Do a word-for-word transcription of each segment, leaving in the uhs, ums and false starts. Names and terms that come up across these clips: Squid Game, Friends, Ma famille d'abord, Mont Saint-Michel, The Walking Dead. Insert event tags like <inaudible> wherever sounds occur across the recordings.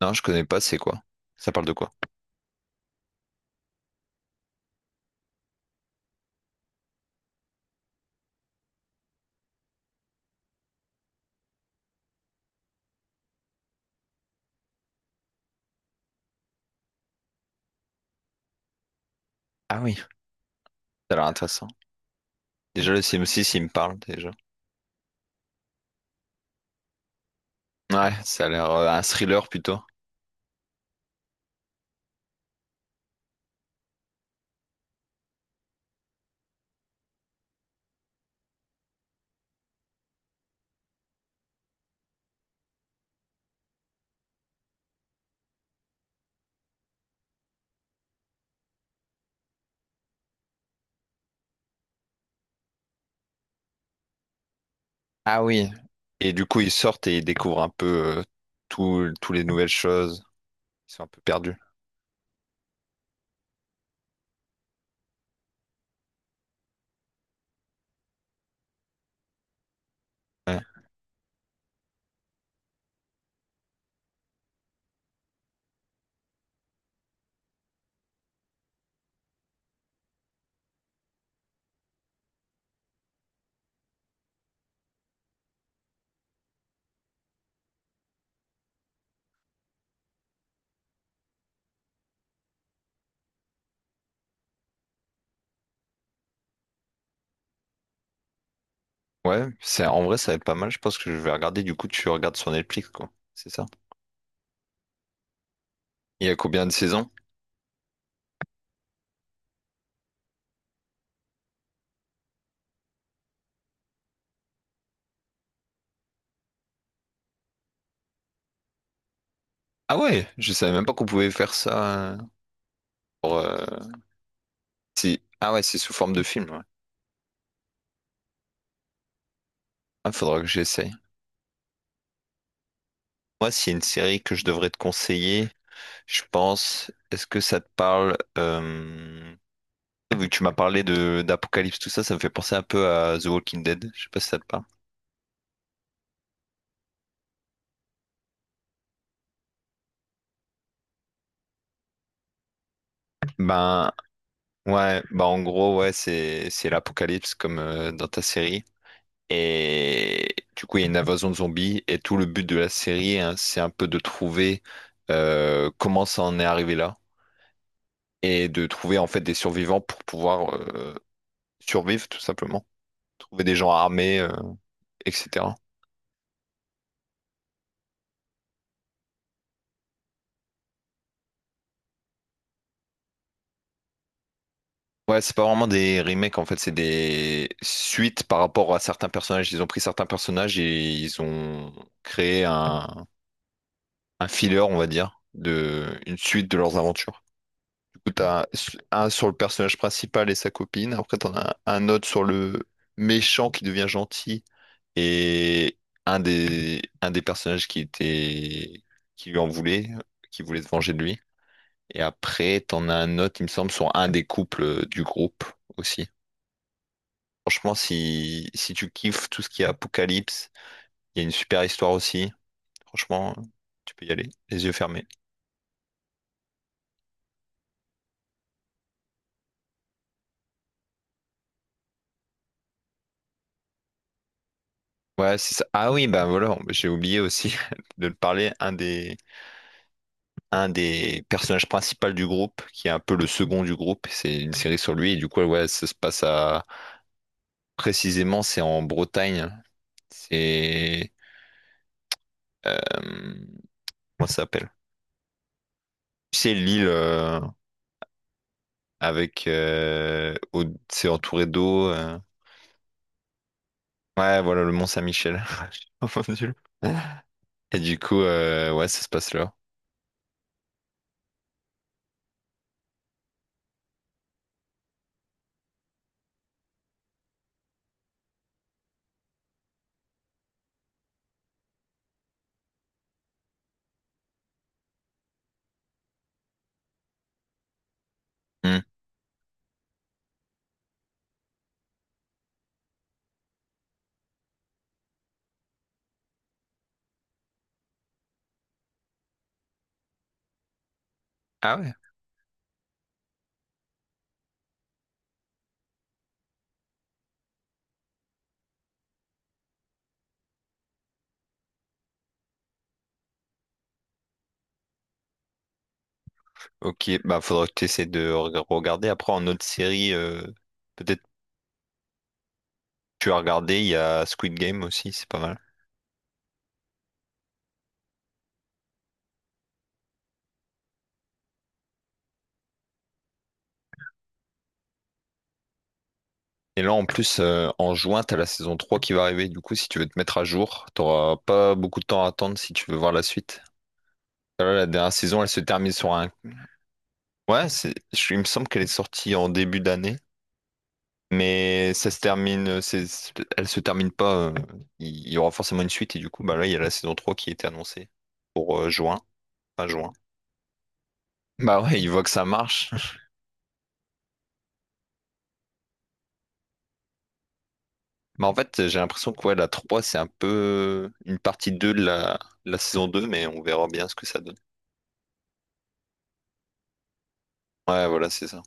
Non, je connais pas, c'est quoi? Ça parle de quoi? Ah oui, ça a l'air intéressant. Déjà, le Sims six, il me parle, déjà. Ouais, ça a l'air euh, un thriller plutôt. Ah oui. Et du coup, ils sortent et ils découvrent un peu euh, tout, tous les nouvelles choses. Ils sont un peu perdus. Ouais, ouais, c'est, en vrai, ça va être pas mal. Je pense que je vais regarder. Du coup, tu regardes sur Netflix, quoi. C'est ça. Il y a combien de saisons? Ah ouais, je savais même pas qu'on pouvait faire ça euh, pour, euh, si... Ah ouais, c'est sous forme de film, ouais. Ah, faudra que j'essaye. Moi, s'il y a une série que je devrais te conseiller, je pense, est-ce que ça te parle euh, vu que tu m'as parlé de d'Apocalypse, tout ça, ça me fait penser un peu à The Walking Dead. Je sais pas si ça te parle. Ben ouais, bah en gros ouais, c'est c'est l'Apocalypse comme euh, dans ta série. Et du coup, il y a une invasion de zombies et tout le but de la série, hein, c'est un peu de trouver euh, comment ça en est arrivé là et de trouver en fait des survivants pour pouvoir euh, survivre tout simplement, trouver des gens armés, euh, et cetera. Ouais, c'est pas vraiment des remakes, en fait, c'est des suites par rapport à certains personnages. Ils ont pris certains personnages et ils ont créé un, un filler, on va dire, de une suite de leurs aventures. Du coup, t'as un sur le personnage principal et sa copine. Après, t'en as un autre sur le méchant qui devient gentil et un des, un des personnages qui était, qui lui en voulait, qui voulait se venger de lui. Et après, t'en as un autre, il me semble, sur un des couples euh, du groupe aussi. Franchement, si, si tu kiffes tout ce qui est apocalypse, il y a une super histoire aussi. Franchement, tu peux y aller, les yeux fermés. Ouais, c'est ça. Ah oui, ben voilà, j'ai oublié aussi <laughs> de te parler. Un des, un des personnages principaux du groupe, qui est un peu le second du groupe, c'est une série sur lui. Et du coup, ouais, ça se passe à. Précisément, c'est en Bretagne. C'est. euh, comment ça s'appelle? C'est l'île euh, avec. euh, au- C'est entouré d'eau. euh, Ouais, voilà le Mont Saint-Michel. <laughs> J'ai confondu le- <laughs> Et du coup, euh, ouais, ça se passe là. Hmm. Ah ouais? Ok, bah faudra que tu essaies de reg- regarder. Après, en autre série, euh, peut-être tu as regardé, il y a Squid Game aussi, c'est pas mal. Et là, en plus, euh, en juin, t'as la saison trois qui va arriver. Du coup, si tu veux te mettre à jour, t'auras pas beaucoup de temps à attendre si tu veux voir la suite. Là, la dernière saison, elle se termine sur un... Ouais, c'est... je- il me semble qu'elle est sortie en début d'année. Mais ça se termine... c'est- elle se termine pas. euh, Il y aura forcément une suite. Et du coup, bah là, il y a la saison trois qui était annoncée pour euh, juin. Fin juin. Bah ouais, ils voient que ça marche. <laughs> Mais en fait, j'ai l'impression que ouais, la trois, c'est un peu une partie deux de la, la saison deux, mais on verra bien ce que ça donne. Ouais, voilà, c'est ça.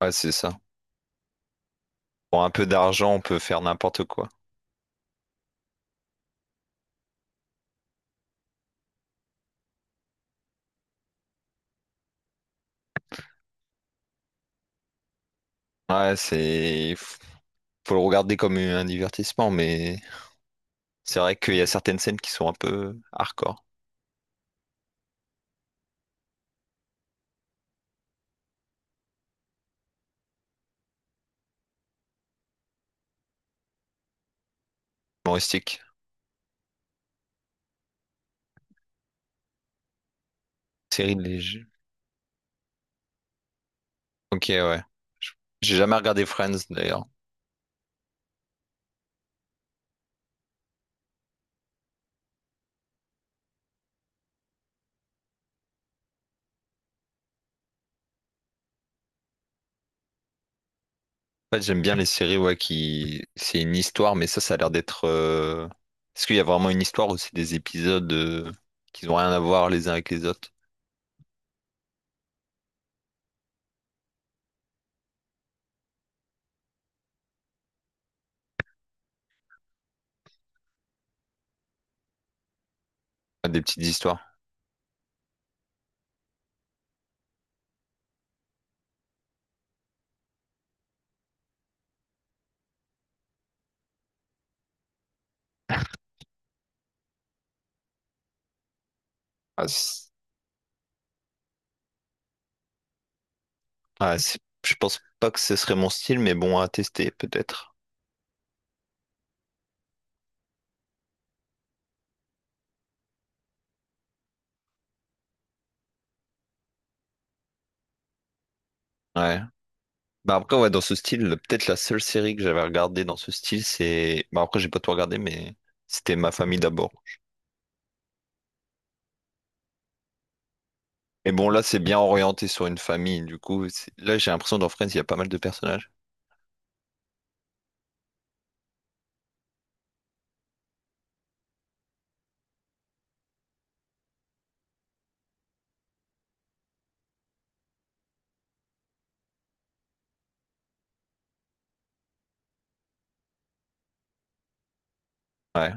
Ouais, c'est ça. Pour un peu d'argent, on peut faire n'importe quoi. Ouais, c'est... Faut faut le regarder comme un divertissement, mais c'est vrai qu'il y a certaines scènes qui sont un peu hardcore, humoristiques. Série léger. Ok, ouais. Je- J'ai jamais regardé Friends, d'ailleurs. En fait, j'aime bien les séries, ouais, qui... C'est une histoire, mais ça, ça a l'air d'être... euh, Est-ce qu'il y a vraiment une histoire ou c'est des épisodes euh, qui n'ont rien à voir les uns avec les autres? Ouais, des petites histoires. Ah, c- Ouais, c'est- je pense pas que ce serait mon style, mais bon, à tester peut-être. Ouais. Bah après, ouais, dans ce style, peut-être la seule série que j'avais regardée dans ce style, c'est... Bah après, j'ai pas tout regardé, mais c'était Ma famille d'abord. Et bon, là, c'est bien orienté sur une famille. Du coup, c'est- là, j'ai l'impression dans Friends, il y a pas mal de personnages. Ouais.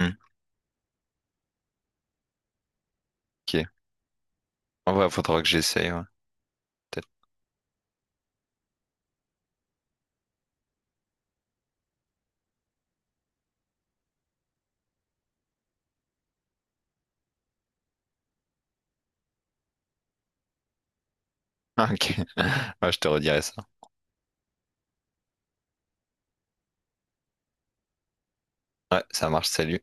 Hmm. Ok. En vrai, faudra que j'essaye. Ouais. Peut-être. <laughs> Ok. <laughs> Ouais, je te redirai ça. Ouais, ça marche. Salut.